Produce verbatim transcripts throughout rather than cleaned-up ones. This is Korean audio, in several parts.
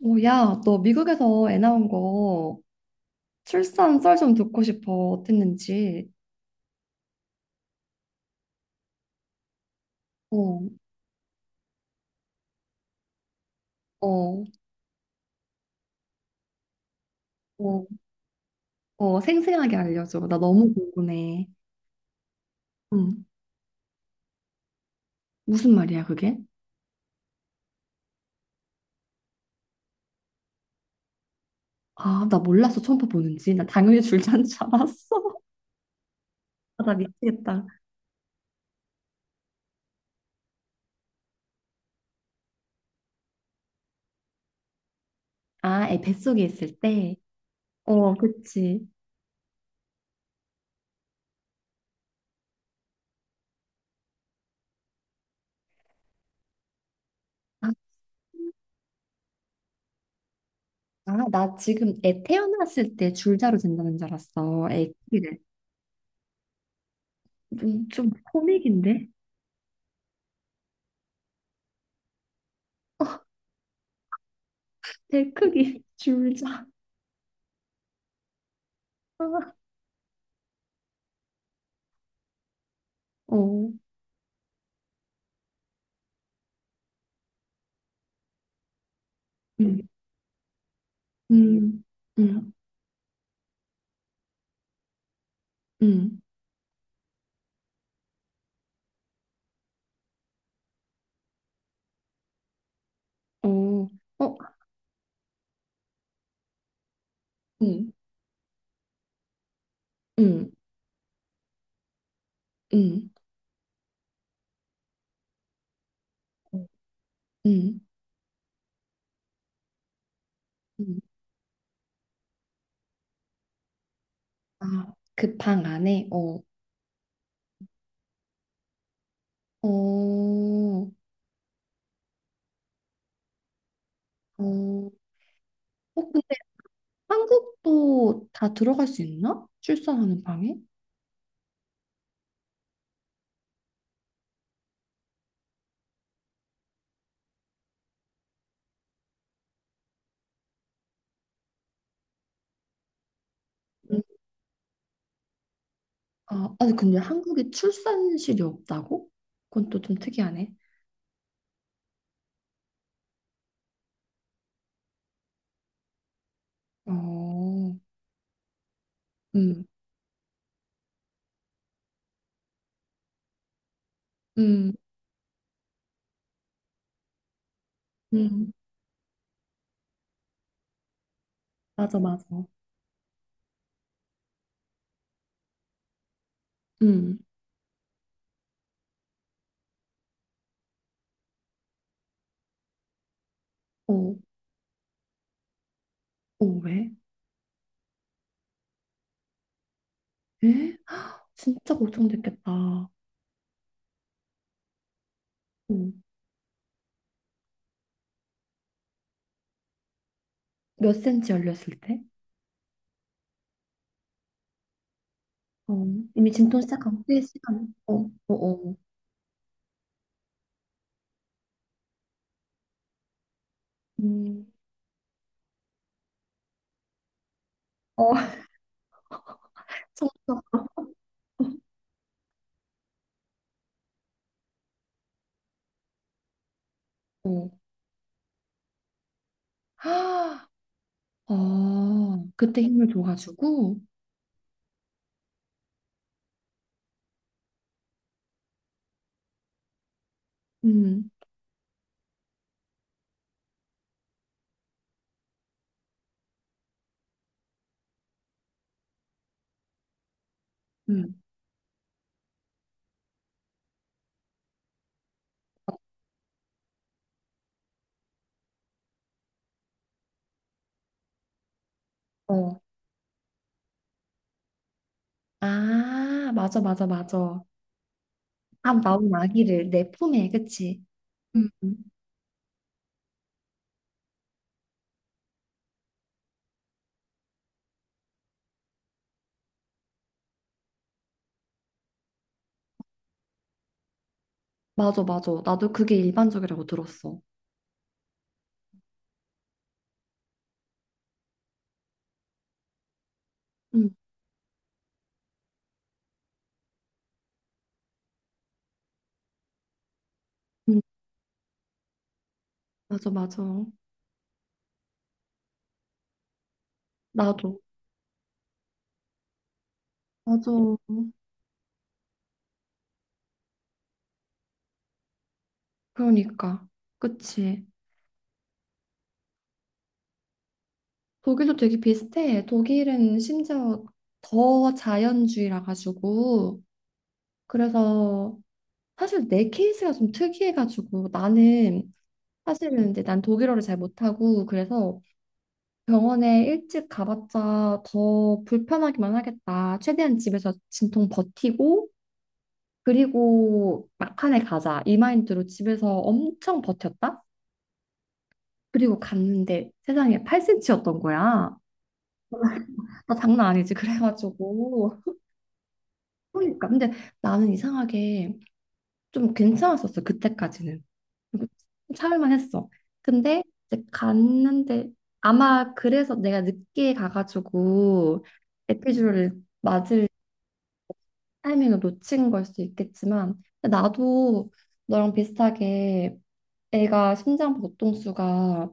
오, 야, 너 미국에서 애 낳은 거 출산 썰 좀 듣고 싶어. 어땠는지. 어, 어, 어, 어, 생생하게 알려줘. 나 너무 궁금해. 응. 무슨 말이야, 그게? 아, 나 몰랐어. 처음 보는지. 나 당연히 줄자인 줄 알았어. 아, 나 미치겠다. 아, 애 뱃속에 있을 때? 어, 그치. 아, 아, 나 지금 애 태어났을 때 줄자로 잰다는 줄 알았어. 애 크기를. 음, 좀 코믹인데? 어, 애 크기, 줄자. 아. 어, 음, 음, 음, 음, 어, 어, 음, 음, 음, 음. 음, 음. 아, 그 방 안에, 어, 어, 어, 어, 근데 한국도 다 들어갈 수 있나? 출산하는 방에? 음. 아, 아니, 근데 한국에 출산실이 없다고? 그건 또 좀 특이하네. 어, 음, 음, 음, 맞아, 맞아. 음, 어, 어, 왜? 에? 진짜 걱정됐겠다. 음. 몇 센치 열렸을 때? 어, 이미 진통 시작한 꽤 시간. 어, 어, 어. 음, 어, 청소. 어. 아, 어, 그때 힘을 줘가지고. 음, 음. 어. 어. 아, 맞아, 맞아, 맞아. 아 나온 아기를 내 품에, 그치? 음, 음. 맞아, 맞아. 나도 그게 일반적이라고 들었어. 음, 음. 맞아, 맞아. 나도. 맞아. 그러니까. 그치. 독일도 되게 비슷해. 독일은 심지어 더 자연주의라 가지고 그래서 사실 내 케이스가 좀 특이해 가지고 나는 사실은 이제 난 독일어를 잘 못하고, 그래서 병원에 일찍 가봤자 더 불편하기만 하겠다. 최대한 집에서 진통 버티고 그리고 막판에 가자, 이 마인드로 집에서 엄청 버텼다. 그리고 갔는데 세상에 팔 센치였던 거야. 나 장난 아니지. 그래가지고 그러니까, 근데 나는 이상하게 좀 괜찮았었어, 그때까지는. 그리고 참을만 했어. 근데 이제 갔는데 아마 그래서 내가 늦게 가가지고 에피주를 맞을 타이밍을 놓친 걸 수도 있겠지만, 근데 나도 너랑 비슷하게 애가 심장 보통수가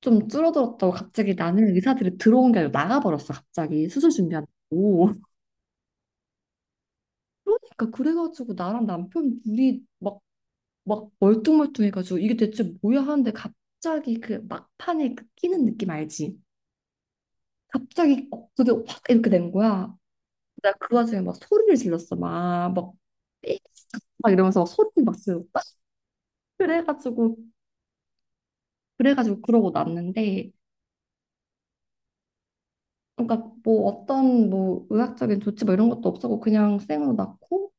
좀 줄어들었다고 갑자기, 나는 의사들이 들어온 게 아니라 나가버렸어. 갑자기 수술 준비한다고. 그러니까 그래가지고 나랑 남편 둘이 막 막 멀뚱멀뚱해가지고, 이게 대체 뭐야 하는데, 갑자기 그 막판에 그 끼는 느낌 알지? 갑자기 어, 그게 확 이렇게 된 거야. 나 그 와중에 막 소리를 질렀어. 막, 막, 막 이러면서 막 소리를 막 질렀다. 그래가지고, 그래가지고 그러고 났는데, 그러니까 뭐 어떤 뭐 의학적인 조치 뭐 이런 것도 없었고 그냥 생으로 낳고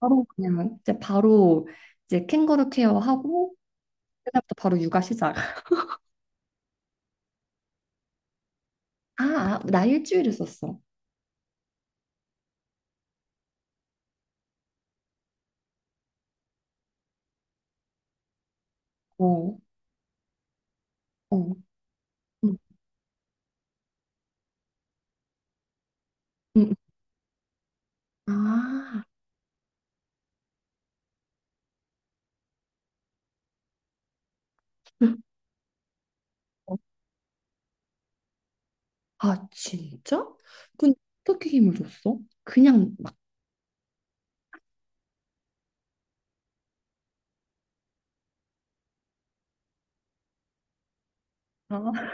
바로, 그냥 이제 바로 이제 캥거루 케어하고 그다음부터 바로 육아 시작. 아, 아, 나 일주일 있었어. 어, 어. 응. 아, 어. 아, 진짜? 근데 어떻게 힘을 줬어? 그냥 막, 아,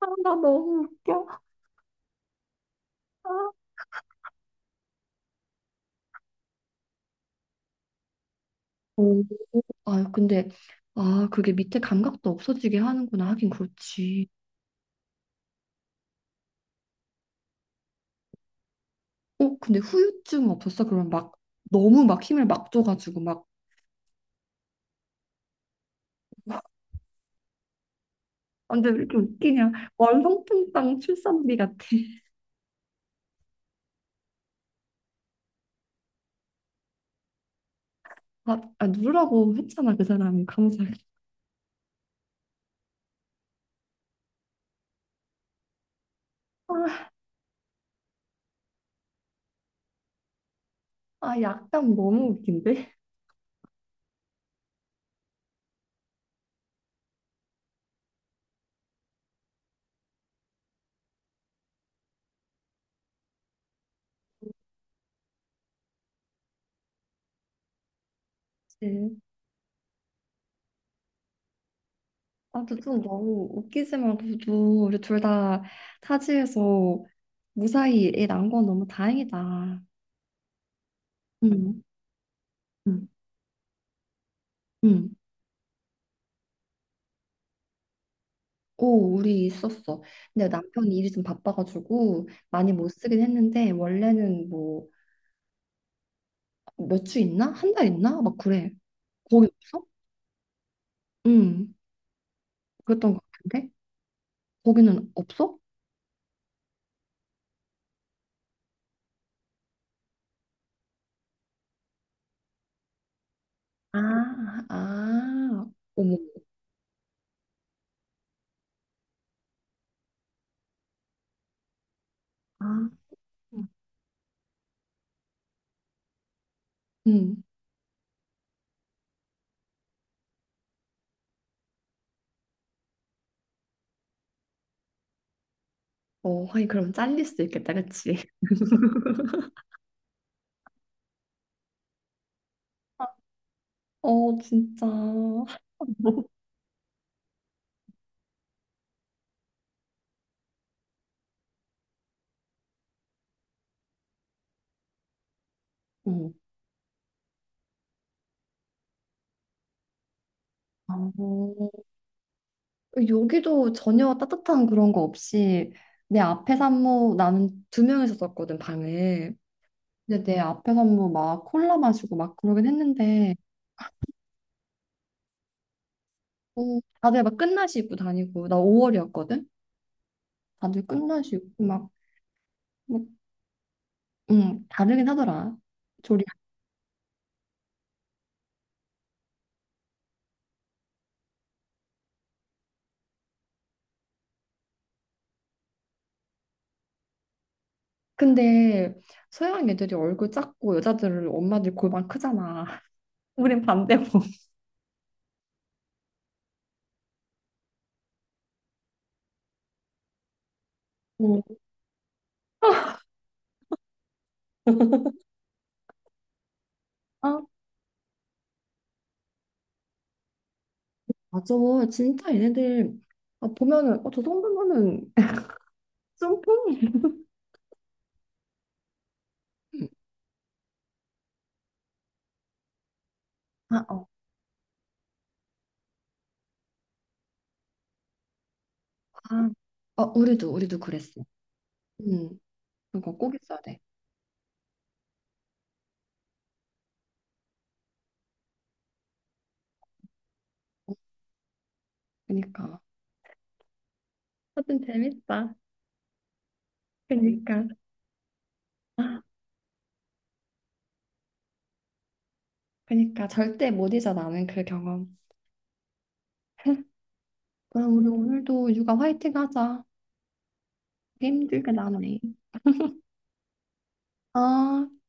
아, 나 너무 웃겨. 아. 오. 아, 근데, 아, 그게 밑에 감각도 없어지게 하는구나. 하긴 그렇지. 어, 근데 후유증 없었어? 그럼 막, 너무 막 힘을 막 줘가지고 막, 아, 근데 왜 이렇게 웃기냐? 월성통당 출산비 같아. 아, 아, 누르라고 했잖아, 그 사람이. 감사하게. 아, 아, 약간 너무 웃긴데? 아, 근데 좀 너무 웃기지만 그래도 우리 둘 다 타지에서 무사히 애 난 건 너무 다행이다. 응, 응, 응. 오, 우리 있었어. 근데 남편이 일이 좀 바빠가지고 많이 못 쓰긴 했는데 원래는 뭐 몇 주 있나? 한 달 있나? 막 그래. 거기 없어? 응, 그랬던 것 같은데? 거기는 없어? 아, 아, 어머. 아, 응. 어, 하긴 그럼 잘릴 수 있겠다, 그치? 어, 진짜. 응. 아, 여기도 전혀 따뜻한 그런 거 없이, 내 앞에 산모, 나는 두 명이서 썼거든 방을. 근데 내 앞에 산모 막 콜라 마시고 막 그러긴 했는데, 어, 다들 막 끝나시 입고 다니고 나 오월이었거든. 다들 끝나시 입고 막, 막 음, 다르긴 하더라. 조리. 근데 서양 애들이 얼굴 작고 여자들은, 엄마들 골반 크잖아. 우린 반대고. 응. 맞아. 진짜 얘네들 아, 보면은 어, 저 정도면은 짬뽕? 아, 어, 아, 어, 우리도 우리도 그랬어. 음, 그거 꼭 있어야 돼. 그니까. 하여튼 재밌다. 그니까. 그니까 절대 못 잊어 나는 그 경험. 그럼 우리 오늘도 육아 화이팅 하자. 힘들게 나네. 아.